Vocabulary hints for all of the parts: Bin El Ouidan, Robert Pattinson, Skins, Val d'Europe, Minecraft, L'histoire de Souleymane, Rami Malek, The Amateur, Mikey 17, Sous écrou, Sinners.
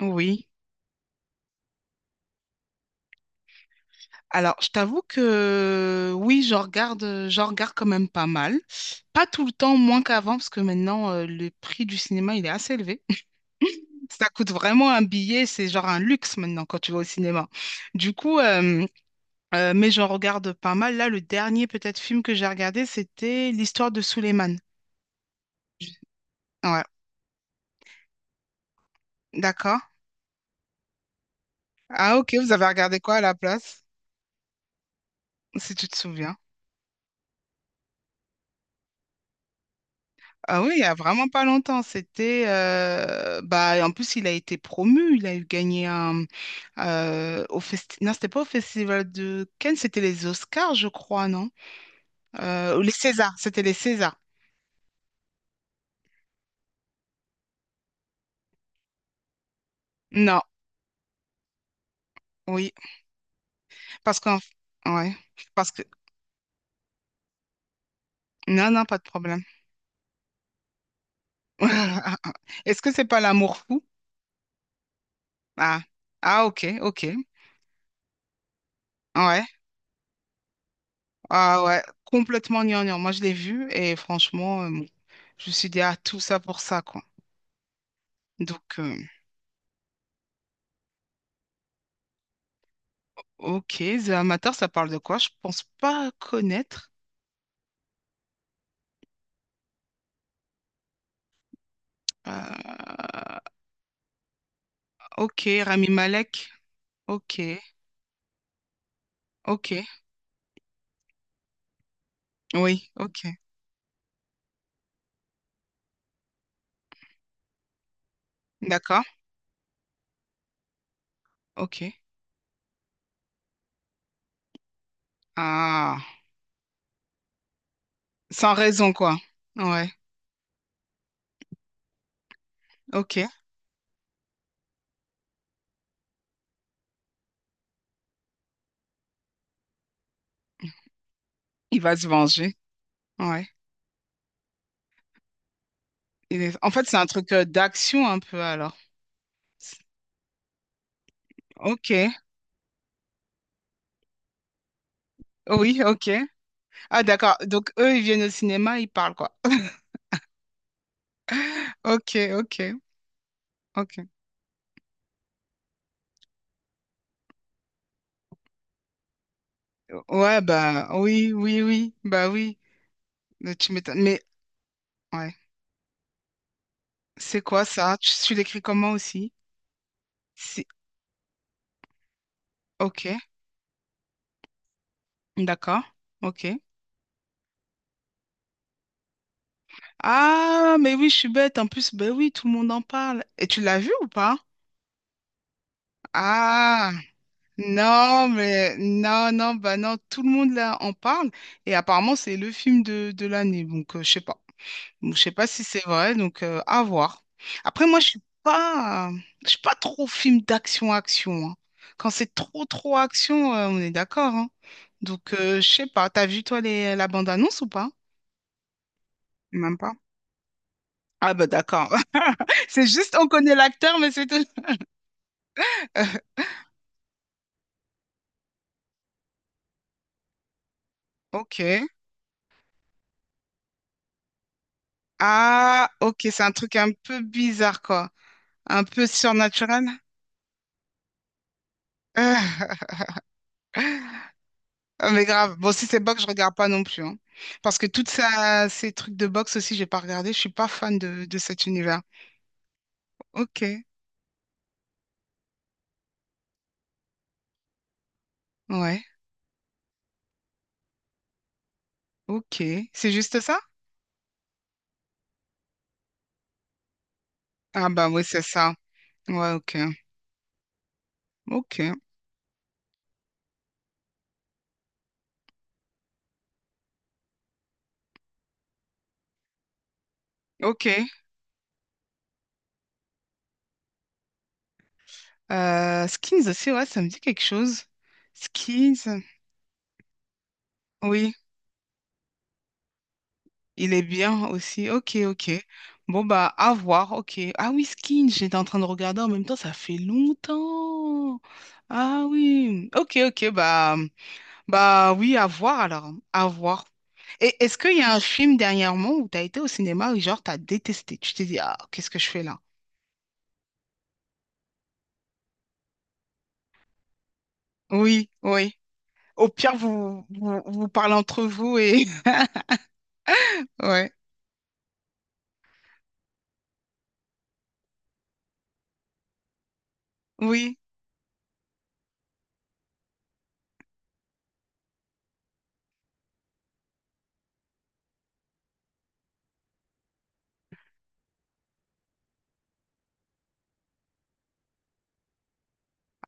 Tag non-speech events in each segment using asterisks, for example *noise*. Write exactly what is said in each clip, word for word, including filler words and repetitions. Oui. Alors, je t'avoue que oui, j'en regarde, euh, j'en regarde quand même pas mal. Pas tout le temps, moins qu'avant, parce que maintenant, euh, le prix du cinéma, il est assez élevé. *laughs* Ça coûte vraiment un billet, c'est genre un luxe maintenant quand tu vas au cinéma. Du coup, euh, euh, mais j'en regarde pas mal. Là, le dernier peut-être film que j'ai regardé, c'était L'histoire de Souleymane. Ouais, d'accord. Ah ok, vous avez regardé quoi à la place, si tu te souviens? Ah oui, il y a vraiment pas longtemps, c'était euh, bah en plus il a été promu, il a eu gagné un euh, au festi- non, c'était pas au festival de Cannes, c'était les Oscars, je crois, non? Euh, ou les Césars, c'était les Césars. Non, oui, parce qu'en ouais, parce que non non, pas de problème. *laughs* Est-ce que c'est pas l'amour fou? Ah. Ah OK, OK. Ouais. Ah ouais, complètement gnangnan. Moi je l'ai vu et franchement euh, bon, je me suis dit ah tout ça pour ça quoi. Donc euh, Ok, The Amateur, ça parle de quoi? Je pense pas connaître. Euh, ok, Rami Malek. Ok, ok. Oui, ok. D'accord, ok. Ah, sans raison, quoi. Ouais, ok. Il va se venger. Ouais. Il est- En fait, c'est un truc euh, d'action un peu alors. C'est- Ok, oui, ok. Ah, d'accord. Donc, eux, ils viennent au cinéma, ils parlent, quoi. *laughs* Ok, ok, ok. Ouais, bah oui, oui, oui, bah oui. Mais tu m'étonnes. Mais ouais. C'est quoi ça? Tu, tu l'écris comment aussi? C'est... Ok, d'accord, ok. Ah, mais oui, je suis bête. En plus, ben oui, tout le monde en parle. Et tu l'as vu ou pas? Ah, non, mais non, non, bah non, tout le monde là en parle. Et apparemment, c'est le film de, de l'année. Donc, euh, je sais pas. Donc, je sais pas si c'est vrai, donc euh, à voir. Après, moi, je suis pas, euh, je suis pas trop film d'action-action, hein. Quand c'est trop, trop action, euh, on est d'accord, hein. Donc, euh, je sais pas. T'as vu, toi, les, la bande-annonce ou pas? Même pas. Ah, bah, d'accord. *laughs* C'est juste, on connaît l'acteur, mais c'est tout. *laughs* Ok. Ah, ok, c'est un truc un peu bizarre, quoi. Un peu surnaturel. *laughs* Ah, mais grave. Bon, si c'est boxe, je regarde pas non plus, hein. Parce que toutes ça- ces trucs de boxe aussi, j'ai pas regardé. Je suis pas fan de, de cet univers. Ok. Ouais. Ok. C'est juste ça? Ah bah oui, c'est ça. Ouais, ok. Ok. Ok. Euh, Skins aussi, ouais, ça me dit quelque chose. Skins. Oui, il est bien aussi. Ok, ok. Bon, bah, à voir. Ok. Ah oui, Skins, j'étais en train de regarder en même temps, ça fait longtemps. Ah oui. Ok, ok, bah. Bah oui, à voir alors, à voir. Et est-ce qu'il y a un film dernièrement où tu as été au cinéma et genre t'as détesté? Tu t'es dit, ah, qu'est-ce que je fais là? Oui, oui. Au pire, vous, vous, vous parlez entre vous et... *laughs* Ouais. Oui.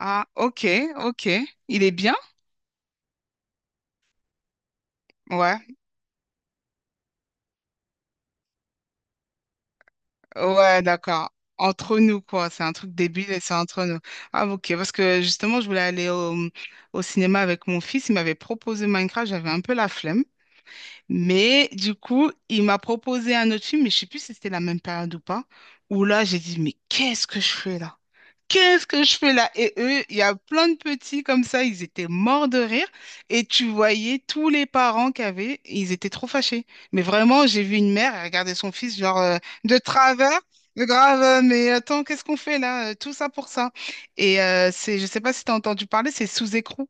Ah, ok, ok. Il est bien? Ouais. Ouais, d'accord. Entre nous, quoi. C'est un truc débile et c'est entre nous. Ah, ok. Parce que justement, je voulais aller au, au cinéma avec mon fils. Il m'avait proposé Minecraft. J'avais un peu la flemme. Mais du coup, il m'a proposé un autre film, mais je sais plus si c'était la même période ou pas, où là, j'ai dit, mais qu'est-ce que je fais là? Qu'est-ce que je fais là? Et eux, il y a plein de petits comme ça, ils étaient morts de rire. Et tu voyais tous les parents qu'il y avait, ils étaient trop fâchés. Mais vraiment, j'ai vu une mère, elle regardait son fils, genre, euh, de travers. Grave, euh, mais attends, qu'est-ce qu'on fait là? Euh, Tout ça pour ça. Et euh, c'est, je sais pas si tu as entendu parler, c'est Sous écrou.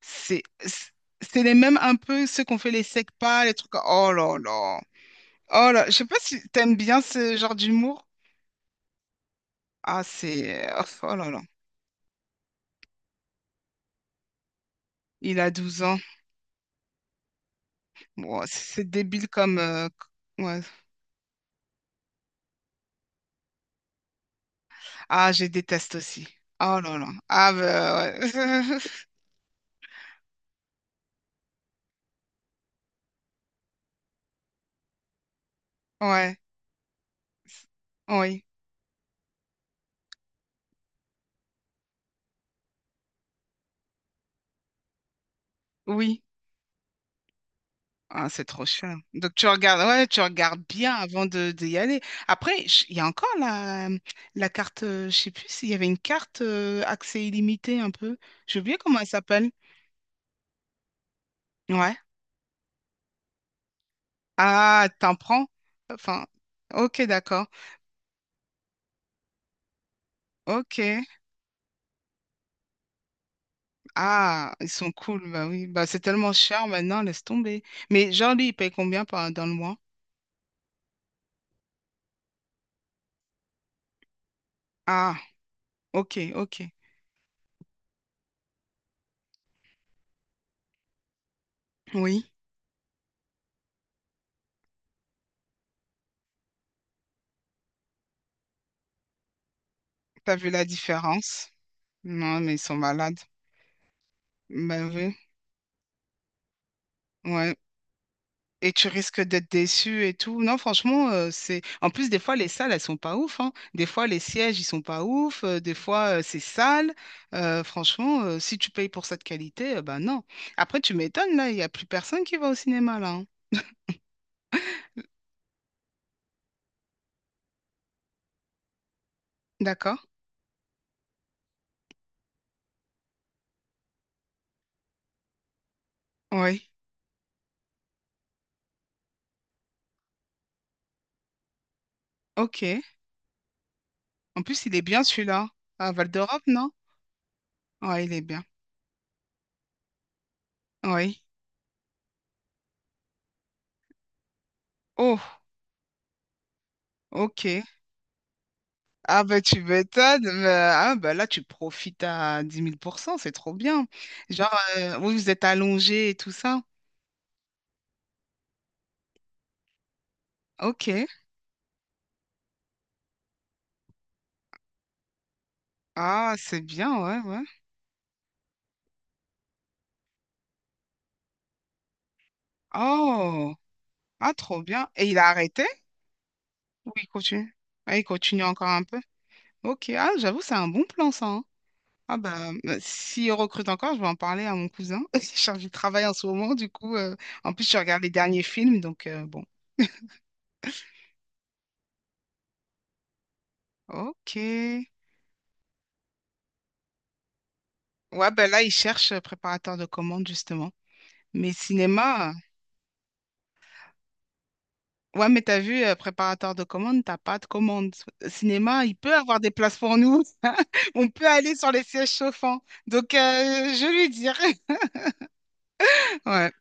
C'est c'est- c'est les mêmes un peu ceux qu'on fait les secs les trucs. Oh là là. Oh là, je sais pas si t'aimes bien ce genre d'humour. Ah, c'est. Oh là là. Il a douze ans. Bon, c'est débile comme. euh, ouais. Ah, je déteste aussi. Oh là là. Ah, bah, ouais. *laughs* Ouais. Oui. Oui. Ah, c'est trop chiant. Donc tu regardes, ouais, tu regardes bien avant de, d'y aller. Après, je- il y a encore la, la carte, euh, je sais plus s'il y avait une carte euh, accès illimité un peu. J'ai oublié comment elle s'appelle. Ouais. Ah, t'en prends? Enfin, ok, d'accord. Ok. Ah, ils sont cool, bah oui. Bah c'est tellement cher maintenant, laisse tomber. Mais genre lui, il paye combien par, dans le mois? Ah, ok, ok. Oui. T'as vu la différence? Non, mais ils sont malades. Bah oui. Ouais. Et tu risques d'être déçu et tout. Non, franchement, euh, c'est. En plus, des fois, les salles, elles sont pas ouf, hein. Des fois, les sièges, ils sont pas ouf. euh, des fois, euh, c'est sale. Euh, franchement, euh, si tu payes pour cette qualité, euh, ben non. Après, tu m'étonnes, là, il n'y a plus personne qui va au cinéma, là, hein. D'accord? Oui. OK. En plus, il est bien, celui-là. À Val d'Europe, non? Ouais il est bien. Oui. Oh, OK. Ah, ben, tu m'étonnes. Mais, ah, ben là, tu profites à dix mille pour cent, c'est trop bien. Genre, euh, oui, vous êtes allongé et tout ça. Ok. Ah, c'est bien, ouais, ouais. Oh, ah, trop bien. Et il a arrêté? Ou il continue? Ah, il continue encore un peu. Ok, ah, j'avoue, c'est un bon plan, ça, hein. Ah, bah, bah, s'il recrute encore, je vais en parler à mon cousin. *laughs* Il est chargé de travail en ce moment, du coup. euh, En plus, je regarde les derniers films, donc euh, bon. Ok. Ouais, ben là, il cherche euh, préparateur de commande, justement. Mais cinéma, ouais, mais t'as vu, euh, préparateur de commandes, t'as pas de commande. Cinéma, il peut avoir des places pour nous. *laughs* On peut aller sur les sièges chauffants. Donc, euh, je lui dirai. *laughs* Ouais.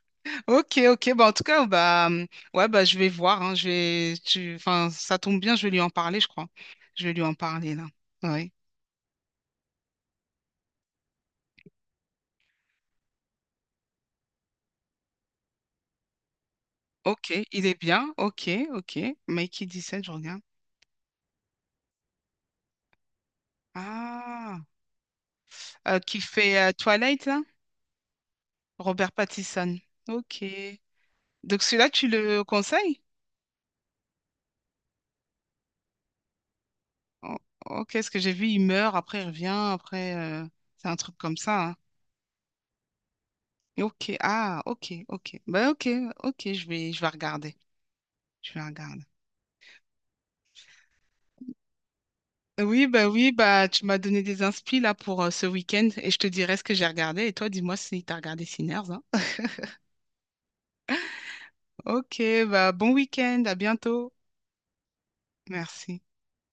Ok, ok. Bah, en tout cas, bah, hum, ouais, bah, je vais voir, hein. Je vais, tu... enfin, ça tombe bien, je vais lui en parler, je crois. Je vais lui en parler, là. Ouais. Ok, il est bien. Ok, ok. Mikey dix-sept, je regarde. Ah, Euh, qui fait euh, Twilight, là? Robert Pattinson. Ok. Donc, celui-là, tu le conseilles? O- Ok, ce que j'ai vu, il meurt, après il revient, après euh, c'est un truc comme ça, hein. Ok, ah, ok, ok. Bah ok, ok, je vais, je vais regarder. Je vais regarder. Oui, bah oui, bah tu m'as donné des inspi là pour euh, ce week-end et je te dirai ce que j'ai regardé. Et toi, dis-moi si t'as regardé Sinners, hein. Ok, bah bon week-end, à bientôt. Merci.